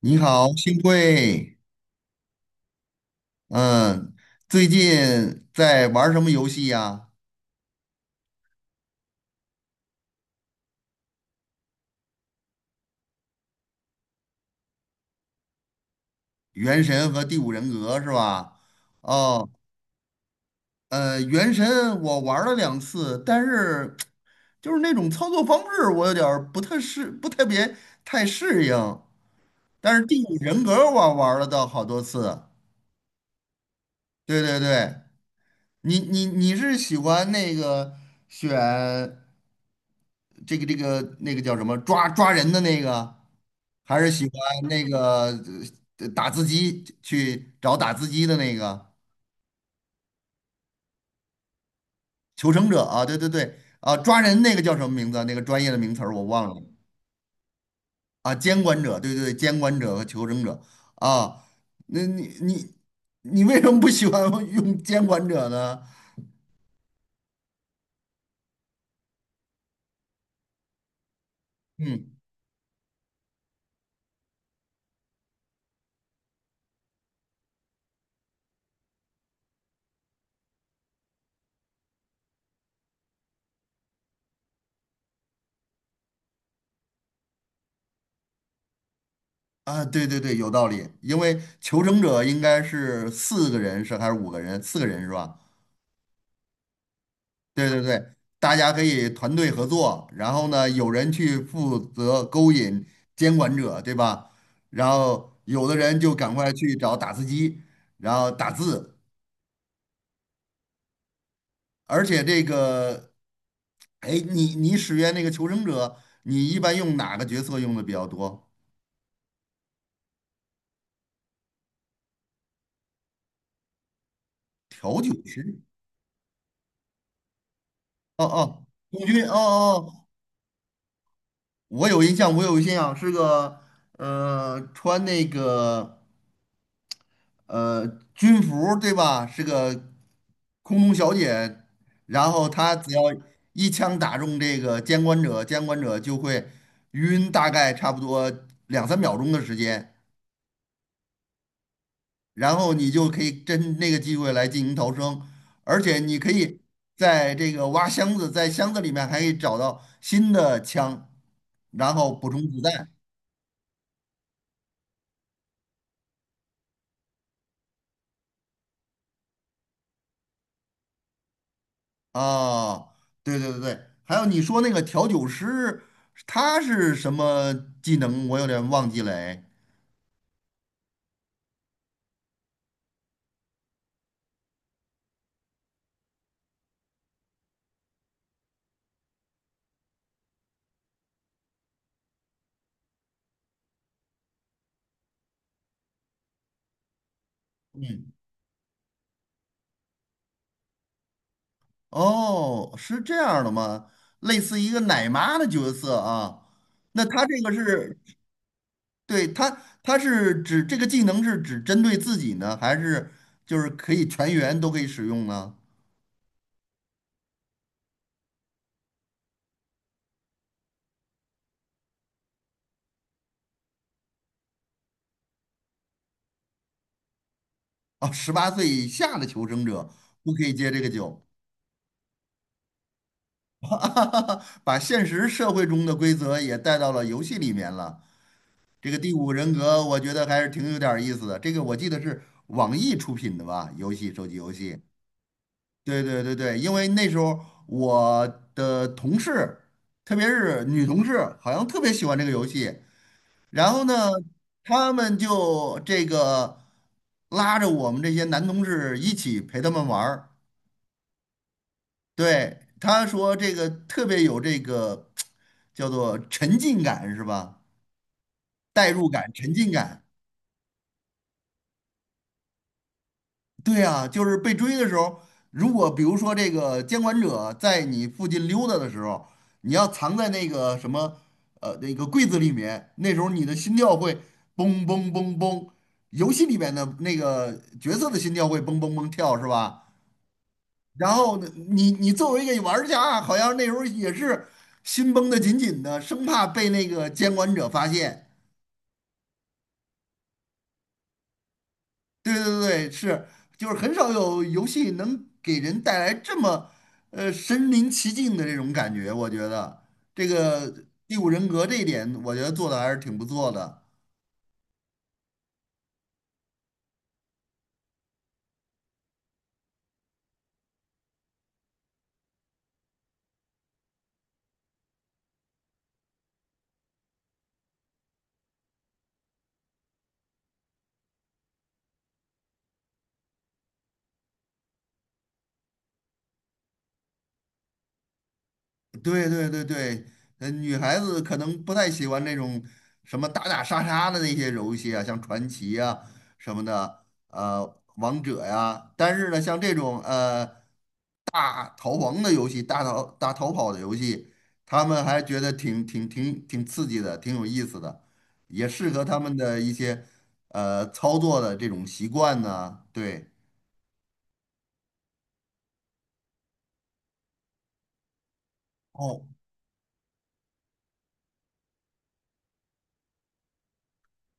你好，幸会。嗯，最近在玩儿什么游戏呀？《原神》和《第五人格》是吧？哦，《原神》我玩儿了两次，但是就是那种操作方式，我有点儿不太适，不特别太适应。但是《第五人格》我玩儿了倒好多次。对对对，你是喜欢那个选那个叫什么抓人的那个？还是喜欢那个打字机的那个求生者啊？对对对，啊，抓人那个叫什么名字啊？那个专业的名词儿我忘了啊。监管者，对对对，监管者和求生者啊。那你为什么不喜欢 用监管者呢？嗯啊，对对对，有道理。因为求生者应该是四个人是还是五个人？四个人是吧？对对对，大家可以团队合作，然后呢，有人去负责勾引监管者，对吧？然后有的人就赶快去找打字机，然后打字，而且这个，哎，你使用那个求生者，你一般用哪个角色用的比较多？调酒师？哦哦，空军？哦哦，哦我有印象，是个穿那个。呃，军服对吧？是个空中小姐，然后她只要一枪打中这个监管者，监管者就会晕，大概差不多两三秒钟的时间，然后你就可以趁那个机会来进行逃生，而且你可以在这个挖箱子，在箱子里面还可以找到新的枪，然后补充子弹。啊，对对对对，还有你说那个调酒师，他是什么技能？我有点忘记了哎嗯，哦，是这样的吗？类似一个奶妈的角色啊。那他这个是，对，他是指这个技能是只针对自己呢，还是就是可以全员都可以使用呢？啊，十八岁以下的求生者不可以接这个酒，把现实社会中的规则也带到了游戏里面了。这个第五人格，我觉得还是挺有点儿意思的。这个我记得是网易出品的吧，游戏，手机游戏。对对对对，因为那时候我的同事，特别是女同事，好像特别喜欢这个游戏。然后呢，他们就这个拉着我们这些男同事一起陪他们玩儿。对，他说这个特别有这个 叫做沉浸感是吧？代入感、沉浸感。对啊，就是被追的时候，如果比如说这个监管者在你附近溜达的时候，你要藏在那个什么那个柜子里面，那时候你的心跳会嘣嘣嘣嘣，游戏里面的那个角色的心跳会嘣嘣嘣跳是吧？然后呢，你作为一个玩家，好像那时候也是心绷得紧紧的，生怕被那个监管者发现。对对对，是，就是很少有游戏能给人带来这么，身临其境的这种感觉。我觉得这个《第五人格》这一点，我觉得做的还是挺不错的。对对对对，女孩子可能不太喜欢那种什么打打杀杀的那些游戏啊，像传奇啊什么的，王者呀、但是呢，像这种大逃亡的游戏、大逃跑的游戏，他们还觉得挺刺激的，挺有意思的，也适合他们的一些操作的这种习惯呢。对，哦，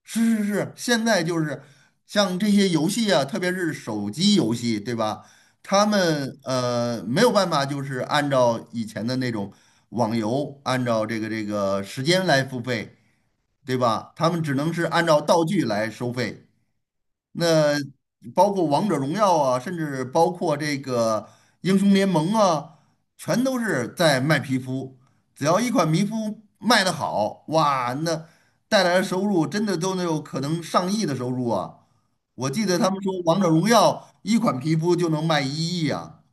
是是是，现在就是像这些游戏啊，特别是手机游戏，对吧？他们没有办法，就是按照以前的那种网游，按照这个时间来付费，对吧？他们只能是按照道具来收费。那包括王者荣耀啊，甚至包括这个英雄联盟啊，全都是在卖皮肤。只要一款皮肤卖得好，哇，那带来的收入真的都能有可能上亿的收入啊！我记得他们说王者荣耀一款皮肤就能卖一亿啊。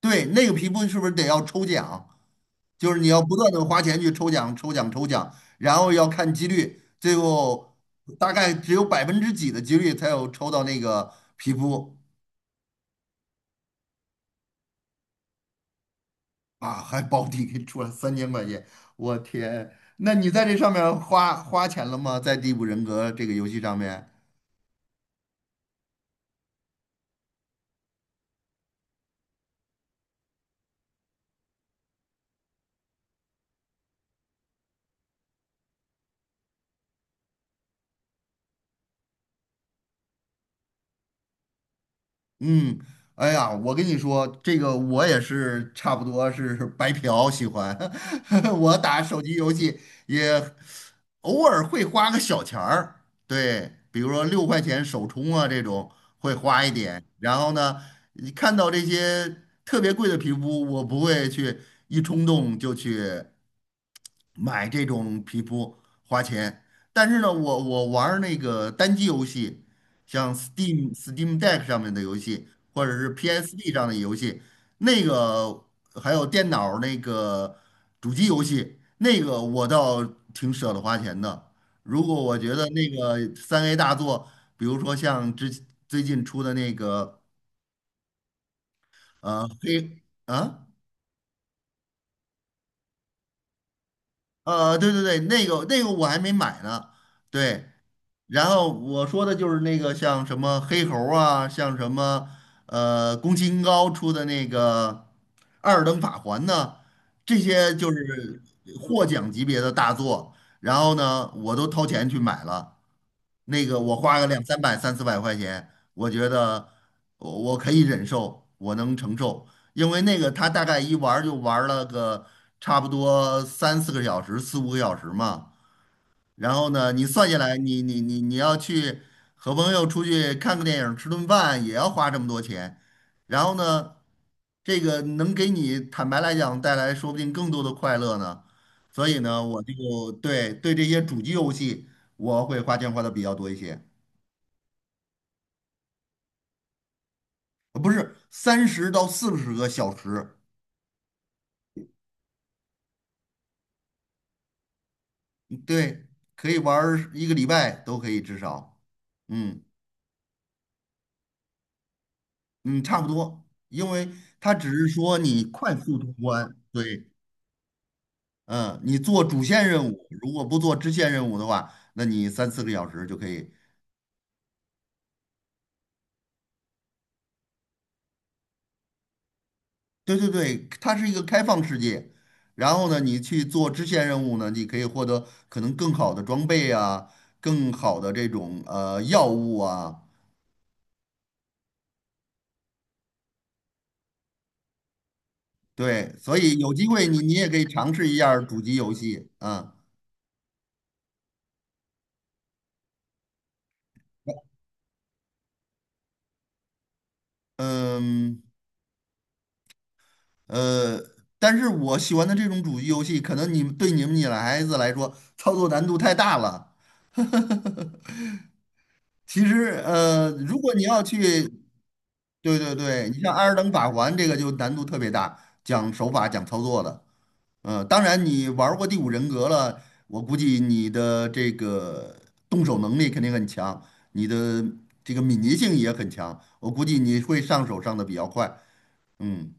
对，那个皮肤是不是得要抽奖？就是你要不断的花钱去抽奖，然后要看几率，最后大概只有百分之几的几率才有抽到那个皮肤啊，还保底给出了三千块钱，我天！那你在这上面花钱了吗？在《第五人格》这个游戏上面？嗯，哎呀，我跟你说，这个我也是差不多是白嫖喜欢 我打手机游戏也偶尔会花个小钱儿，对，比如说六块钱首充啊这种会花一点，然后呢，你看到这些特别贵的皮肤，我不会去一冲动就去。买这种皮肤花钱，但是呢，我玩儿那个单机游戏，像 Steam、Steam Deck 上面的游戏，或者是 PSP 上的游戏，那个还有电脑儿那个主机游戏，那个我倒挺舍得花钱的。如果我觉得那个三 A 大作，比如说像之最近出的那个呃黑啊对对对，那个那个我还没买呢，对。然后我说的就是那个像什么黑猴儿啊，像什么宫崎英高出的那个《二等法环》呢，这些就是获奖级别的大作。然后呢，我都掏钱去买了，那个我花个两三百、三四百块钱，我觉得我可以忍受，我能承受，因为那个他大概一玩儿就玩儿了个差不多三四个小时、四五个小时嘛。然后呢，你算下来，你要去和朋友出去看个电影儿、吃顿饭，也要花这么多钱。然后呢，这个能给你坦白来讲带来说不定更多的快乐呢。所以呢，我就对这些主机游戏，我会花钱花的比较多一些，不是三十到四十个小时，嗯对，可以玩儿一个礼拜都可以至少，嗯嗯，差不多，因为它只是说你快速通关。对，嗯，你做主线任务，如果不做支线任务的话，那你三四个小时就可以。对对对，它是一个开放世界。然后呢，你去做支线任务呢，你可以获得可能更好的装备啊，更好的这种药物啊。对，所以有机会你也可以尝试一下儿主机游戏啊。嗯呃，但是我喜欢的这种主机游戏，可能你们女孩子来说操作难度太大了。其实，如果你要去，对对对，你像《艾尔登法环》这个就难度特别大，讲手法、讲操作的。嗯，当然你玩儿过《第五人格》了，我估计你的这个动手能力肯定很强，你的这个敏捷性也很强，我估计你会上手上的比较快。嗯，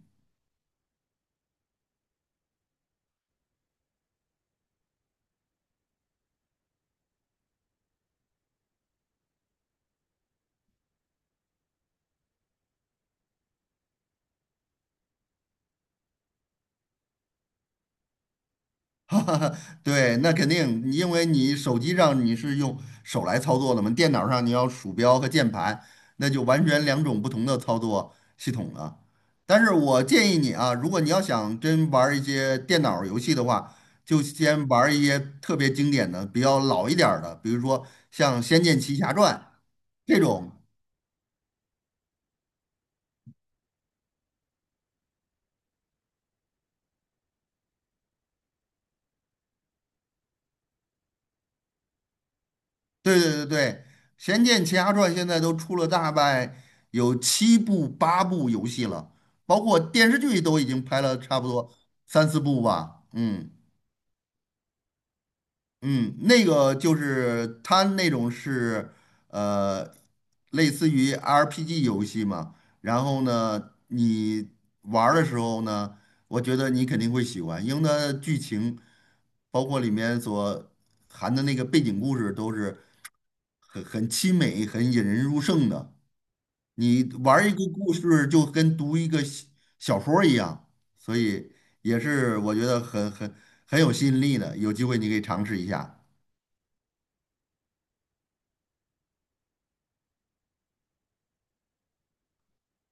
哈哈，哈，对，那肯定，因为你手机上你是用手来操作的嘛，电脑上你要鼠标和键盘，那就完全两种不同的操作系统了。但是我建议你啊，如果你要想真玩儿一些电脑游戏的话，就先玩儿一些特别经典的、比较老一点儿的，比如说像《仙剑奇侠传》这种，对对对对，《仙剑奇侠传》现在都出了大概有七部八部游戏了，包括电视剧都已经拍了差不多三四部吧。嗯嗯，那个就是它那种是呃类似于 RPG 游戏嘛，然后呢你玩儿的时候呢，我觉得你肯定会喜欢，因为它剧情包括里面所含的那个背景故事都是。很凄美、很引人入胜的。你玩一个故事，就跟读一个小说儿一样，所以也是我觉得很有吸引力的。有机会你可以尝试一下。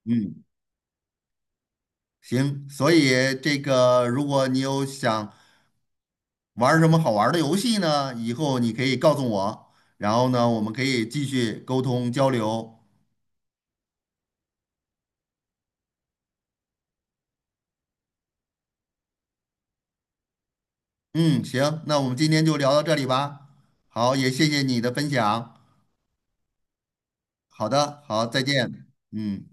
嗯，行。所以这个，如果你有想玩儿什么好玩儿的游戏呢，以后你可以告诉我，然后呢，我们可以继续沟通交流。嗯，行，那我们今天就聊到这里吧。好，也谢谢你的分享。好的，好，再见。嗯。